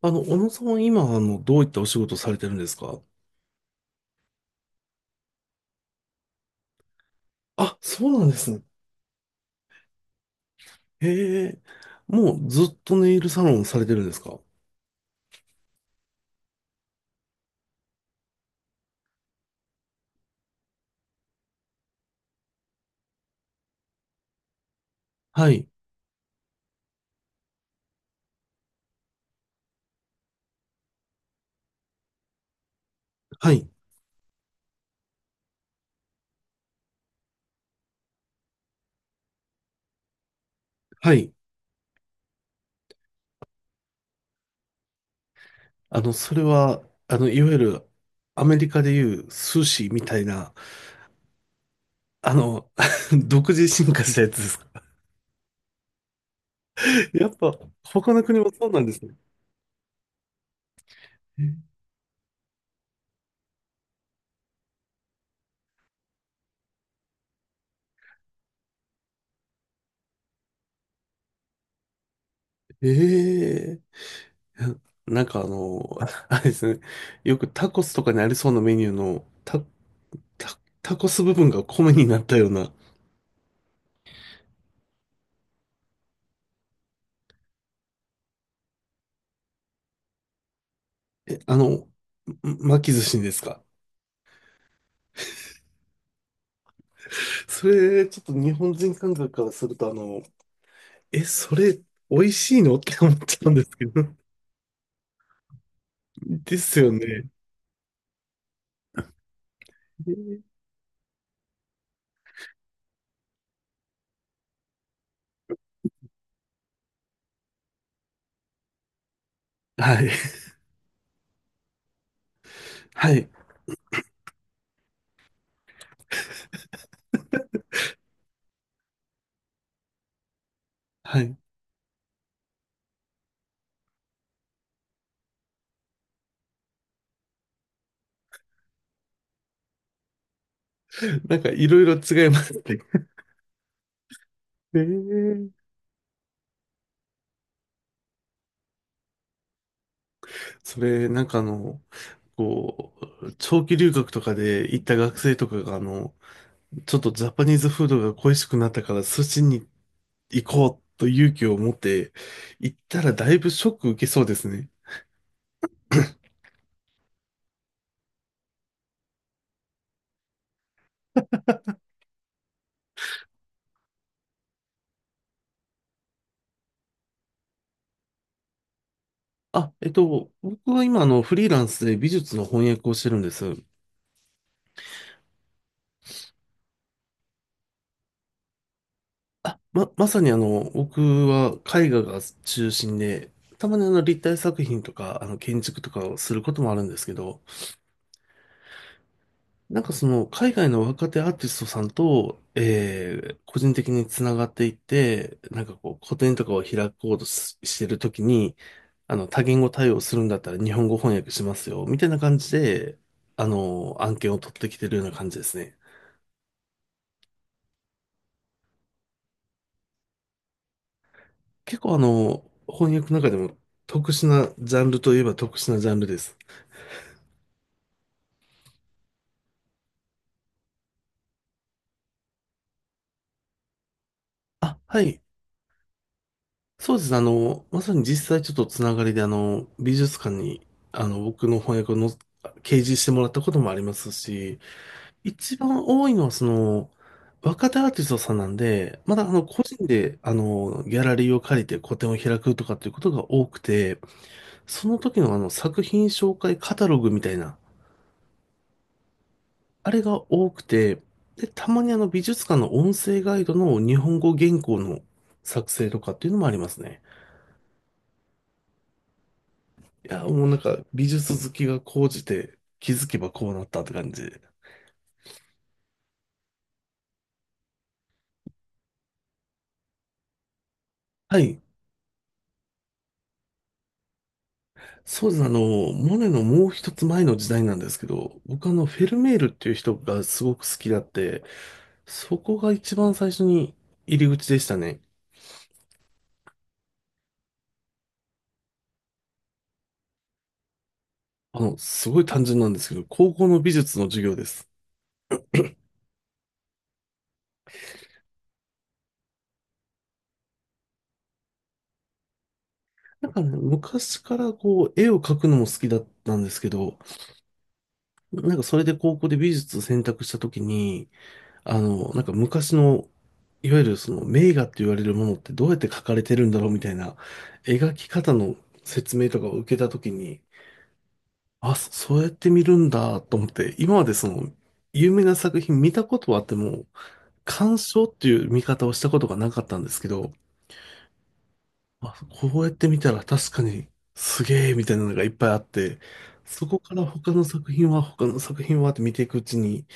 小野さんは今、どういったお仕事をされてるんですか？あ、そうなんですね。へえ。もうずっとネイルサロンされてるんですか？はい、はい、はい。それは、いわゆる、アメリカでいう寿司みたいな、あの、独自進化したやつですか？ やっぱ、他の国もそうなんですね。ええ。なんかあれですね。よくタコスとかにありそうなメニューの、タコス部分が米になったような。え、巻き寿司にですか？それ、ちょっと日本人感覚からすると、え、それ、美味しいのって思っちゃうんですけど。ですよね。はい。はい。はい。なんか、いろいろ違いますね。えーそれ、なんかこう、長期留学とかで行った学生とかが、ちょっとジャパニーズフードが恋しくなったから、寿司に行こうと勇気を持って行ったら、だいぶショック受けそうですね。あ、僕は今、フリーランスで美術の翻訳をしてるんです。まさに僕は絵画が中心で、たまに立体作品とか、建築とかをすることもあるんですけど、なんかその、海外の若手アーティストさんと、個人的につながっていって、なんかこう、個展とかを開こうとしてるときに、多言語対応するんだったら日本語翻訳しますよ、みたいな感じで、案件を取ってきてるような感じですね。結構翻訳の中でも特殊なジャンルといえば特殊なジャンルです。あ、はい。そうですね。まさに実際ちょっとつながりで、美術館に、僕の翻訳をの掲示してもらったこともありますし、一番多いのはその、若手アーティストさんなんで、まだ個人で、ギャラリーを借りて個展を開くとかっていうことが多くて、その時の作品紹介カタログみたいな、あれが多くて、で、たまにあの美術館の音声ガイドの日本語原稿の作成とかっていうのもありますね。いや、もうなんか美術好きが高じて気づけばこうなったって感じで。はい。そうです。モネのもう一つ前の時代なんですけど、僕フェルメールっていう人がすごく好きだって、そこが一番最初に入り口でしたね。すごい単純なんですけど、高校の美術の授業です。なんかね、昔からこう、絵を描くのも好きだったんですけど、なんかそれで高校で美術を選択したときに、なんか昔の、いわゆるその名画って言われるものってどうやって描かれてるんだろうみたいな描き方の説明とかを受けたときに、あ、そうやって見るんだと思って、今までその有名な作品見たことはあっても、鑑賞っていう見方をしたことがなかったんですけど、あ、こうやって見たら確かにすげえみたいなのがいっぱいあって、そこから他の作品は他の作品はって見ていくうちに、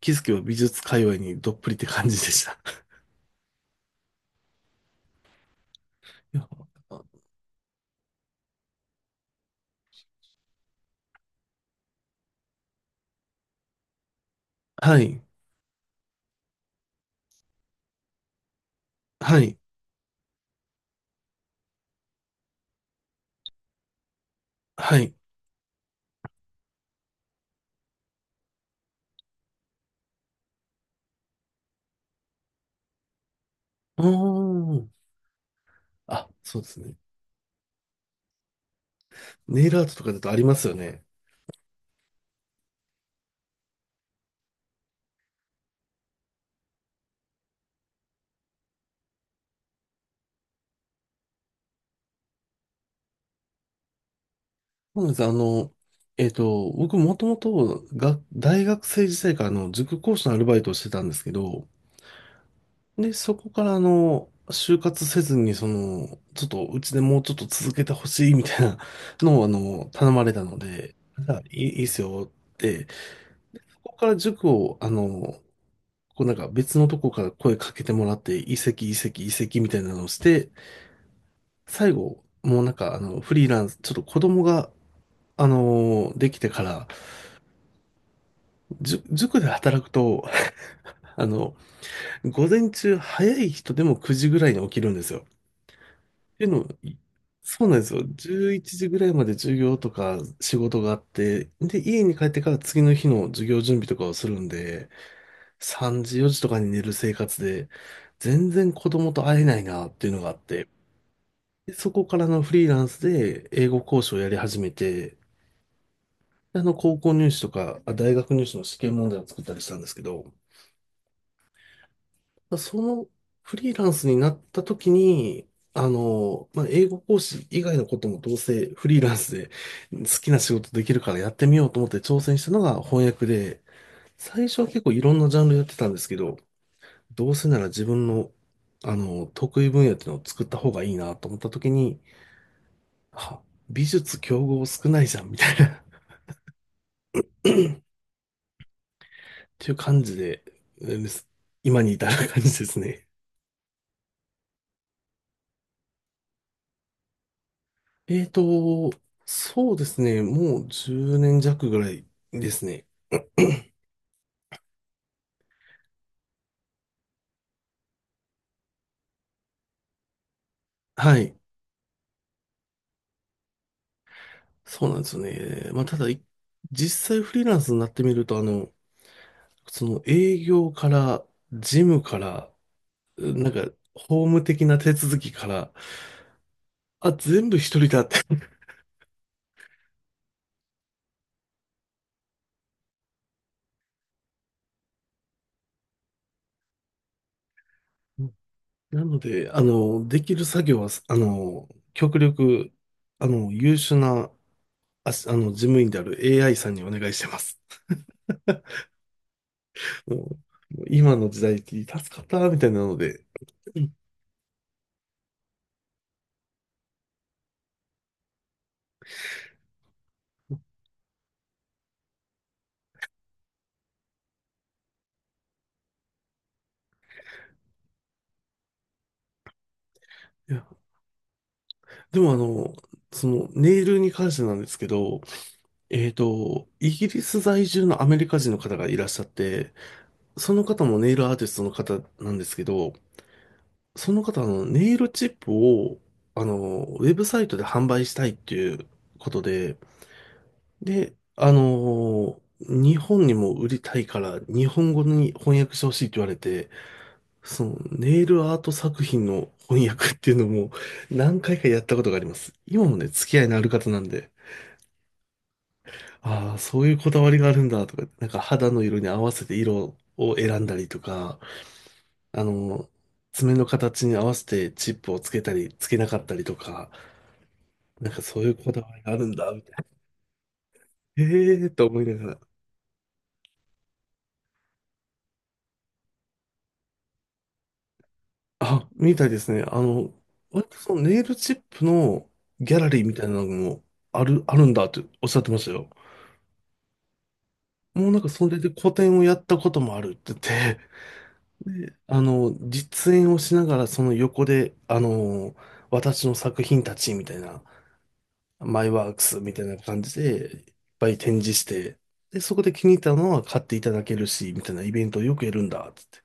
気づけば美術界隈にどっぷりって感じでした。いや、はい、はい、はい。うーん。あ、そうですね。ネイルアートとかだとありますよね。そうなんです。僕もともとが大学生時代からあの塾講師のアルバイトをしてたんですけど、で、そこから就活せずに、その、ちょっとうちでもうちょっと続けてほしいみたいな のを頼まれたので、じゃあいいっすよって、ここから塾をこうなんか別のとこから声かけてもらって、移籍、移籍、移籍みたいなのをして、最後、もうなんかフリーランス、ちょっと子供が、できてから、塾で働くと、あの、午前中早い人でも9時ぐらいに起きるんですよ。っていうのも、そうなんですよ。11時ぐらいまで授業とか仕事があって、で、家に帰ってから次の日の授業準備とかをするんで、3時、4時とかに寝る生活で、全然子供と会えないなっていうのがあって、でそこからのフリーランスで英語講師をやり始めて、で高校入試とか、大学入試の試験問題を作ったりしたんですけど、まあそのフリーランスになった時に、まあ、英語講師以外のこともどうせフリーランスで好きな仕事できるからやってみようと思って挑戦したのが翻訳で、最初は結構いろんなジャンルやってたんですけど、どうせなら自分の、得意分野っていうのを作った方がいいなと思った時に、あ、美術競合少ないじゃんみたいなっていう感じで、うん、今に至る感じですね。えーと、そうですね。もう10年弱ぐらいですね。はい。そうなんですよね。まあ、ただ、実際フリーランスになってみると、その営業から、事務から、うんなんか、法務的な手続きから、あ、全部一人だって。うんなので、できる作業は、極力、優秀なあし、あの、事務員である AI さんにお願いしてます。もう、もう今の時代って助かったみたいなので。うん。いや、でもそのネイルに関してなんですけど、イギリス在住のアメリカ人の方がいらっしゃって、その方もネイルアーティストの方なんですけど、その方はあのネイルチップを、ウェブサイトで販売したいっていうことで、で、日本にも売りたいから、日本語に翻訳してほしいって言われて、そのネイルアート作品の翻訳っていうのも何回かやったことがあります。今もね、付き合いのある方なんで、ああ、そういうこだわりがあるんだとか、なんか肌の色に合わせて色を選んだりとか、あの、爪の形に合わせてチップをつけたり、つけなかったりとか、なんかそういうこだわりがあるんだ、みたいな。ええー、と思いながら。あ、みたいですね。割とそのネイルチップのギャラリーみたいなのもあるんだっておっしゃってましたよ。もうなんかそれで個展をやったこともあるって言って、で、実演をしながらその横で、私の作品たちみたいな、マイワークスみたいな感じでいっぱい展示して、で、そこで気に入ったのは買っていただけるし、みたいなイベントをよくやるんだって言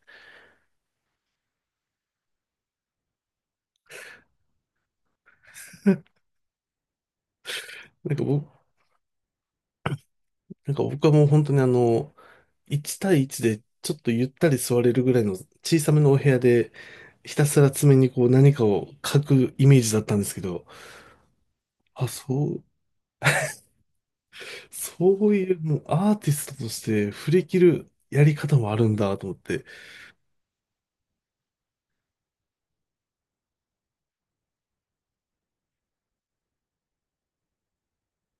って。なんか僕はもう本当に1対1でちょっとゆったり座れるぐらいの小さめのお部屋で、ひたすら爪にこう何かを書くイメージだったんですけど、あ、そう、そういうもうアーティストとして振り切るやり方もあるんだと思って、